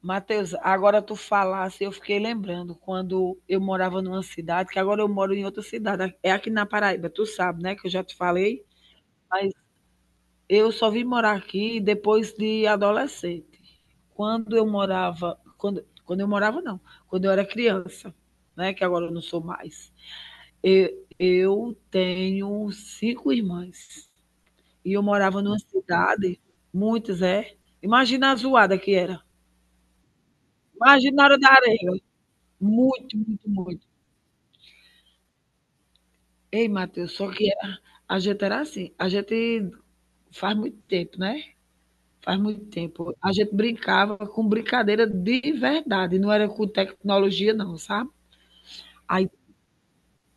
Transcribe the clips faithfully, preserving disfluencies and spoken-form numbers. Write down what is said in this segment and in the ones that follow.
Matheus, agora tu falasse, eu fiquei lembrando quando eu morava numa cidade, que agora eu moro em outra cidade, é aqui na Paraíba, tu sabe, né, que eu já te falei, mas eu só vim morar aqui depois de adolescente. Quando eu morava, quando, quando eu morava não, quando eu era criança, né, que agora eu não sou mais. Eu, eu tenho cinco irmãs e eu morava numa cidade, muitas é. Imagina a zoada que era. Imagina a hora da areia, muito, muito, muito. Ei, Matheus, só que a, a gente era assim, a gente faz muito tempo, né? Faz muito tempo. A gente brincava com brincadeira de verdade, não era com tecnologia, não, sabe? Aí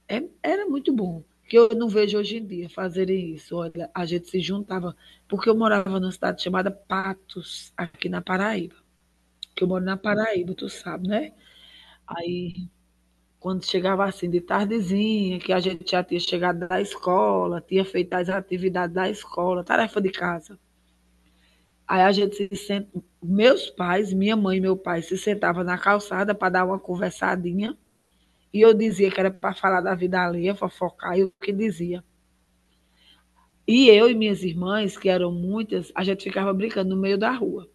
é- era muito bom, que eu não vejo hoje em dia fazerem isso. Olha, a gente se juntava, porque eu morava numa cidade chamada Patos, aqui na Paraíba. Que eu moro na Paraíba, tu sabe, né? Aí quando chegava assim de tardezinha, que a gente já tinha chegado da escola, tinha feito as atividades da escola, tarefa de casa. Aí a gente se senta, meus pais, minha mãe e meu pai se sentavam na calçada para dar uma conversadinha, e eu dizia que era para falar da vida alheia, fofocar, e o que dizia. E eu e minhas irmãs, que eram muitas, a gente ficava brincando no meio da rua.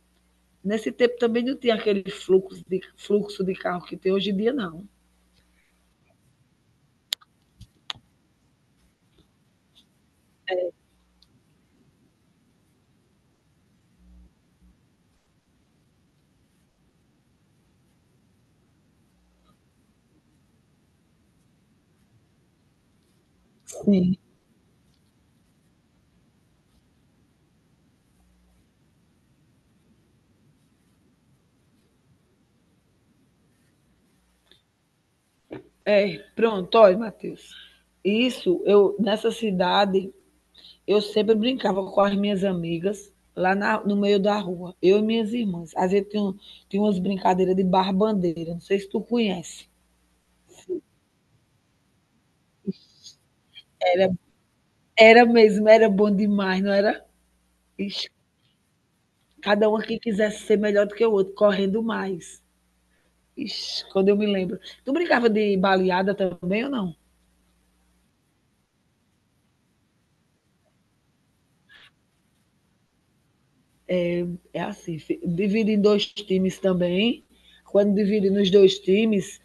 Nesse tempo também não tinha aquele fluxo de, fluxo de carro que tem hoje em dia, não. Sim. É, pronto, olha, Matheus. Isso, eu nessa cidade, eu sempre brincava com as minhas amigas lá na- no meio da rua, eu e minhas irmãs. Às vezes tinha, um- tinha umas brincadeiras de barra-bandeira, não sei se tu conhece. Era, era mesmo, era bom demais, não era? Ixi, cada um que quisesse ser melhor do que o outro, correndo mais. Ixi, quando eu me lembro. Tu brincava de baleada também ou não? É assim, fi- divide em dois times também. Quando divide nos dois times,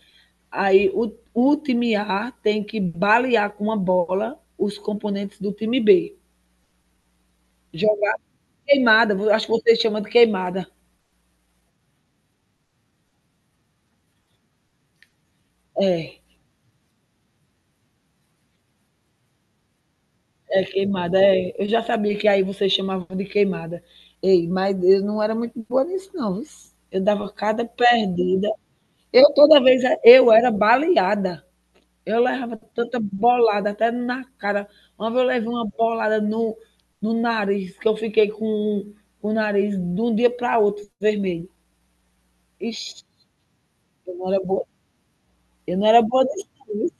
aí o, o time A tem que balear com uma bola os componentes do time B. Jogar queimada, acho que vocês chamam de queimada. É, é queimada. É. Eu já sabia que aí vocês chamavam de queimada. Ei, mas eu não era muito boa nisso, não. Eu dava cada perdida. Eu toda vez eu era baleada. Eu levava tanta bolada até na cara. Uma vez eu levei uma bolada no, no nariz, que eu fiquei com o nariz de um dia para outro vermelho. Ixi, eu não era boa, eu não era boa nisso não, viu.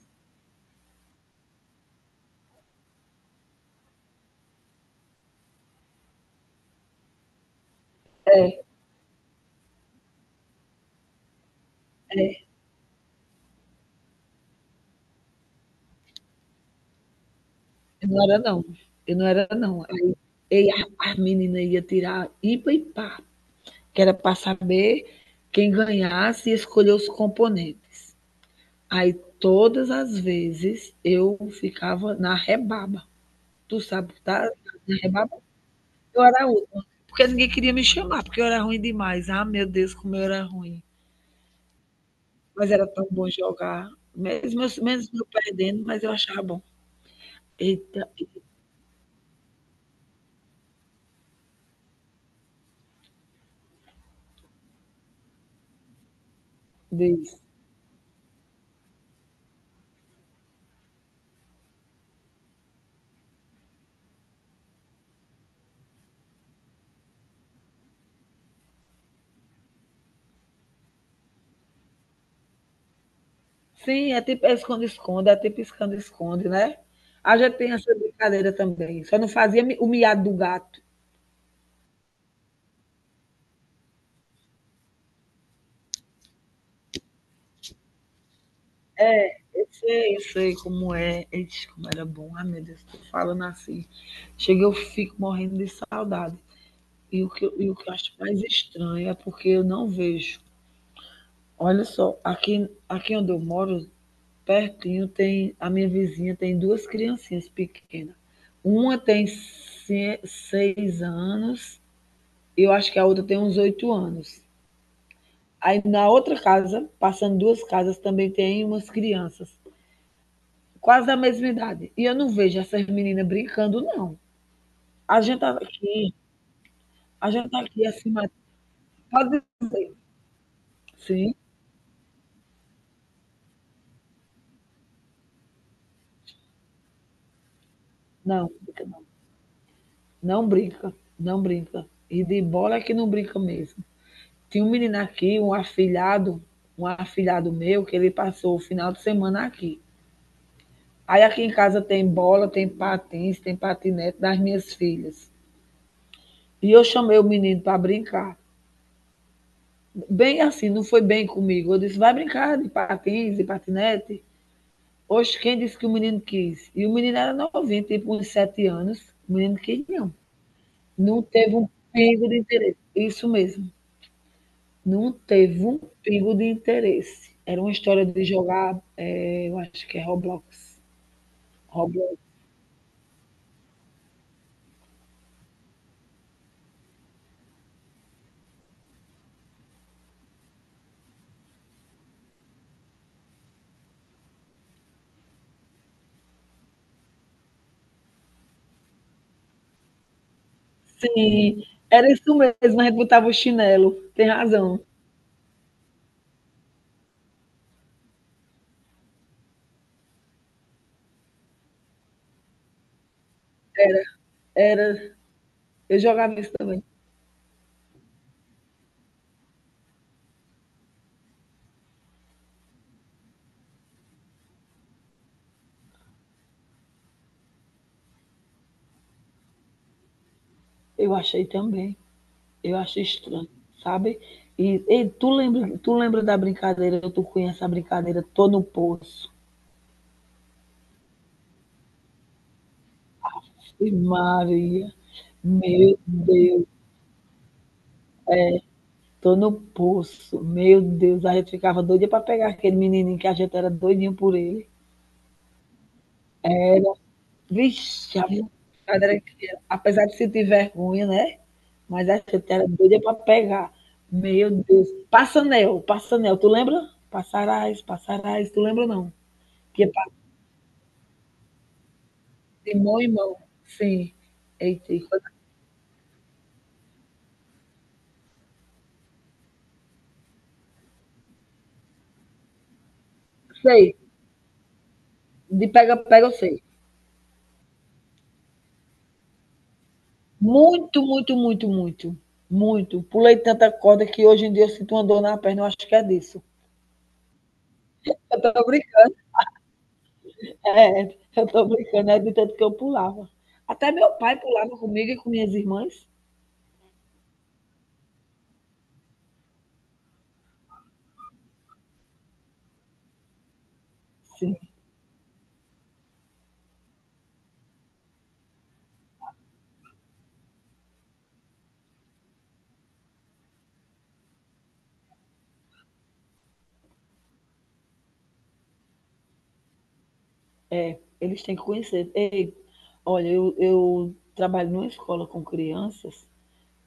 Eu não era não, eu não era não. Aí ei a as menina ia tirar ipa e par, que era para saber quem ganhasse e escolher os componentes. Aí todas as vezes eu ficava na rebaba. Tu sabe tá na rebaba? Eu era a última, porque ninguém queria me chamar, porque eu era ruim demais. Ah, meu Deus, como eu era ruim. Mas era tão bom jogar, mesmo eu mesmo eu perdendo, mas eu achava bom. Eita, Deus. Sim, é tipo é esconde-esconde, é tipo esconde-esconde, né? A gente tem essa brincadeira também, só não fazia mi o miado do gato. Eu sei, eu sei como é. Ixi, como era bom. Ai, meu Deus, tô falando assim. Chega, eu fico morrendo de saudade. E o que eu e o que eu acho mais estranho é porque eu não vejo. Olha só, aqui aqui onde eu moro, pertinho, tem a minha vizinha tem duas criancinhas pequenas. Uma tem se seis anos, eu acho que a outra tem uns oito anos. Aí na outra casa, passando duas casas, também tem umas crianças, quase da mesma idade. E eu não vejo essas meninas brincando, não. A gente tá aqui, a gente tá aqui acima. Pode dizer. Sim, não, brinca não. Não brinca, não brinca. E de bola é que não brinca mesmo. Tinha um menino aqui, um afilhado, um afilhado meu, que ele passou o final de semana aqui. Aí aqui em casa tem bola, tem patins, tem patinete das minhas filhas. E eu chamei o menino para brincar. Bem assim, não foi bem comigo. Eu disse, vai brincar de patins e patinete. Hoje, quem disse que o menino quis? E o menino era novinho, tipo uns sete anos. O menino quis, não. Não teve um pingo de interesse. Isso mesmo. Não teve um pingo de interesse. Era uma história de jogar, eh, eu acho que é Roblox. Roblox. Sim, era isso mesmo. A gente botava o chinelo. Tem razão. Era. Eu jogava isso também. Eu achei também. Eu acho estranho, sabe? E, e tu, lembra, tu lembra da brincadeira? Tu conhece a brincadeira? Tô no poço. E Maria, meu Deus, tô no poço. Meu Deus, a gente ficava doida para pegar aquele menininho que a gente era doidinho por ele. Vixe, a brincadeira que era. Apesar de sentir vergonha, né? Mas a gente era doida para pegar. Meu Deus. Passanel, Passanel, tu lembra? Passarás, passarás, tu lembra não? Que De mão em mão. Sim. Eita, sei. De pega-pega eu sei. Muito, muito, muito, muito. Muito. Pulei tanta corda que hoje em dia eu sinto uma dor na perna, eu acho que é disso. Eu tô brincando. É, eu tô brincando, é de tanto que eu pulava. Até meu pai pulava comigo e com minhas irmãs. Sim, eles têm que conhecer. Ei, olha, eu, eu trabalho numa escola com crianças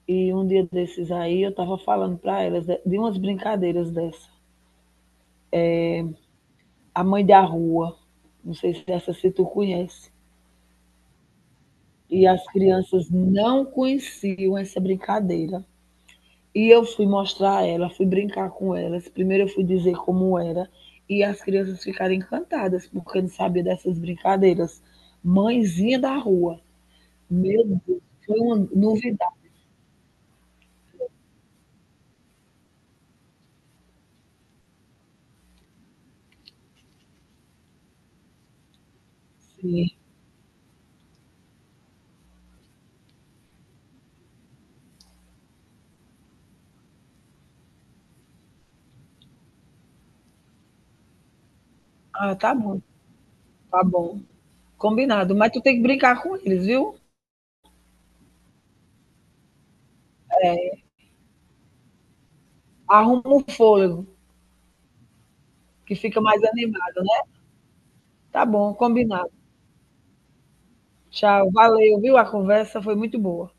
e um dia desses aí eu estava falando para elas de de umas brincadeiras dessa. A Mãe da Rua. Não sei se essa se tu conhece. E as crianças não conheciam essa brincadeira. E eu fui mostrar a ela, fui brincar com elas. Primeiro eu fui dizer como era. E as crianças ficaram encantadas, porque não sabia dessas brincadeiras. Mãezinha da rua. Meu Deus, foi uma novidade. Sim. Ah, tá bom, tá bom. Combinado. Mas tu tem que brincar com eles, viu? É, arruma um fôlego, que fica mais animado, né? Tá bom, combinado. Tchau, valeu, viu? A conversa foi muito boa.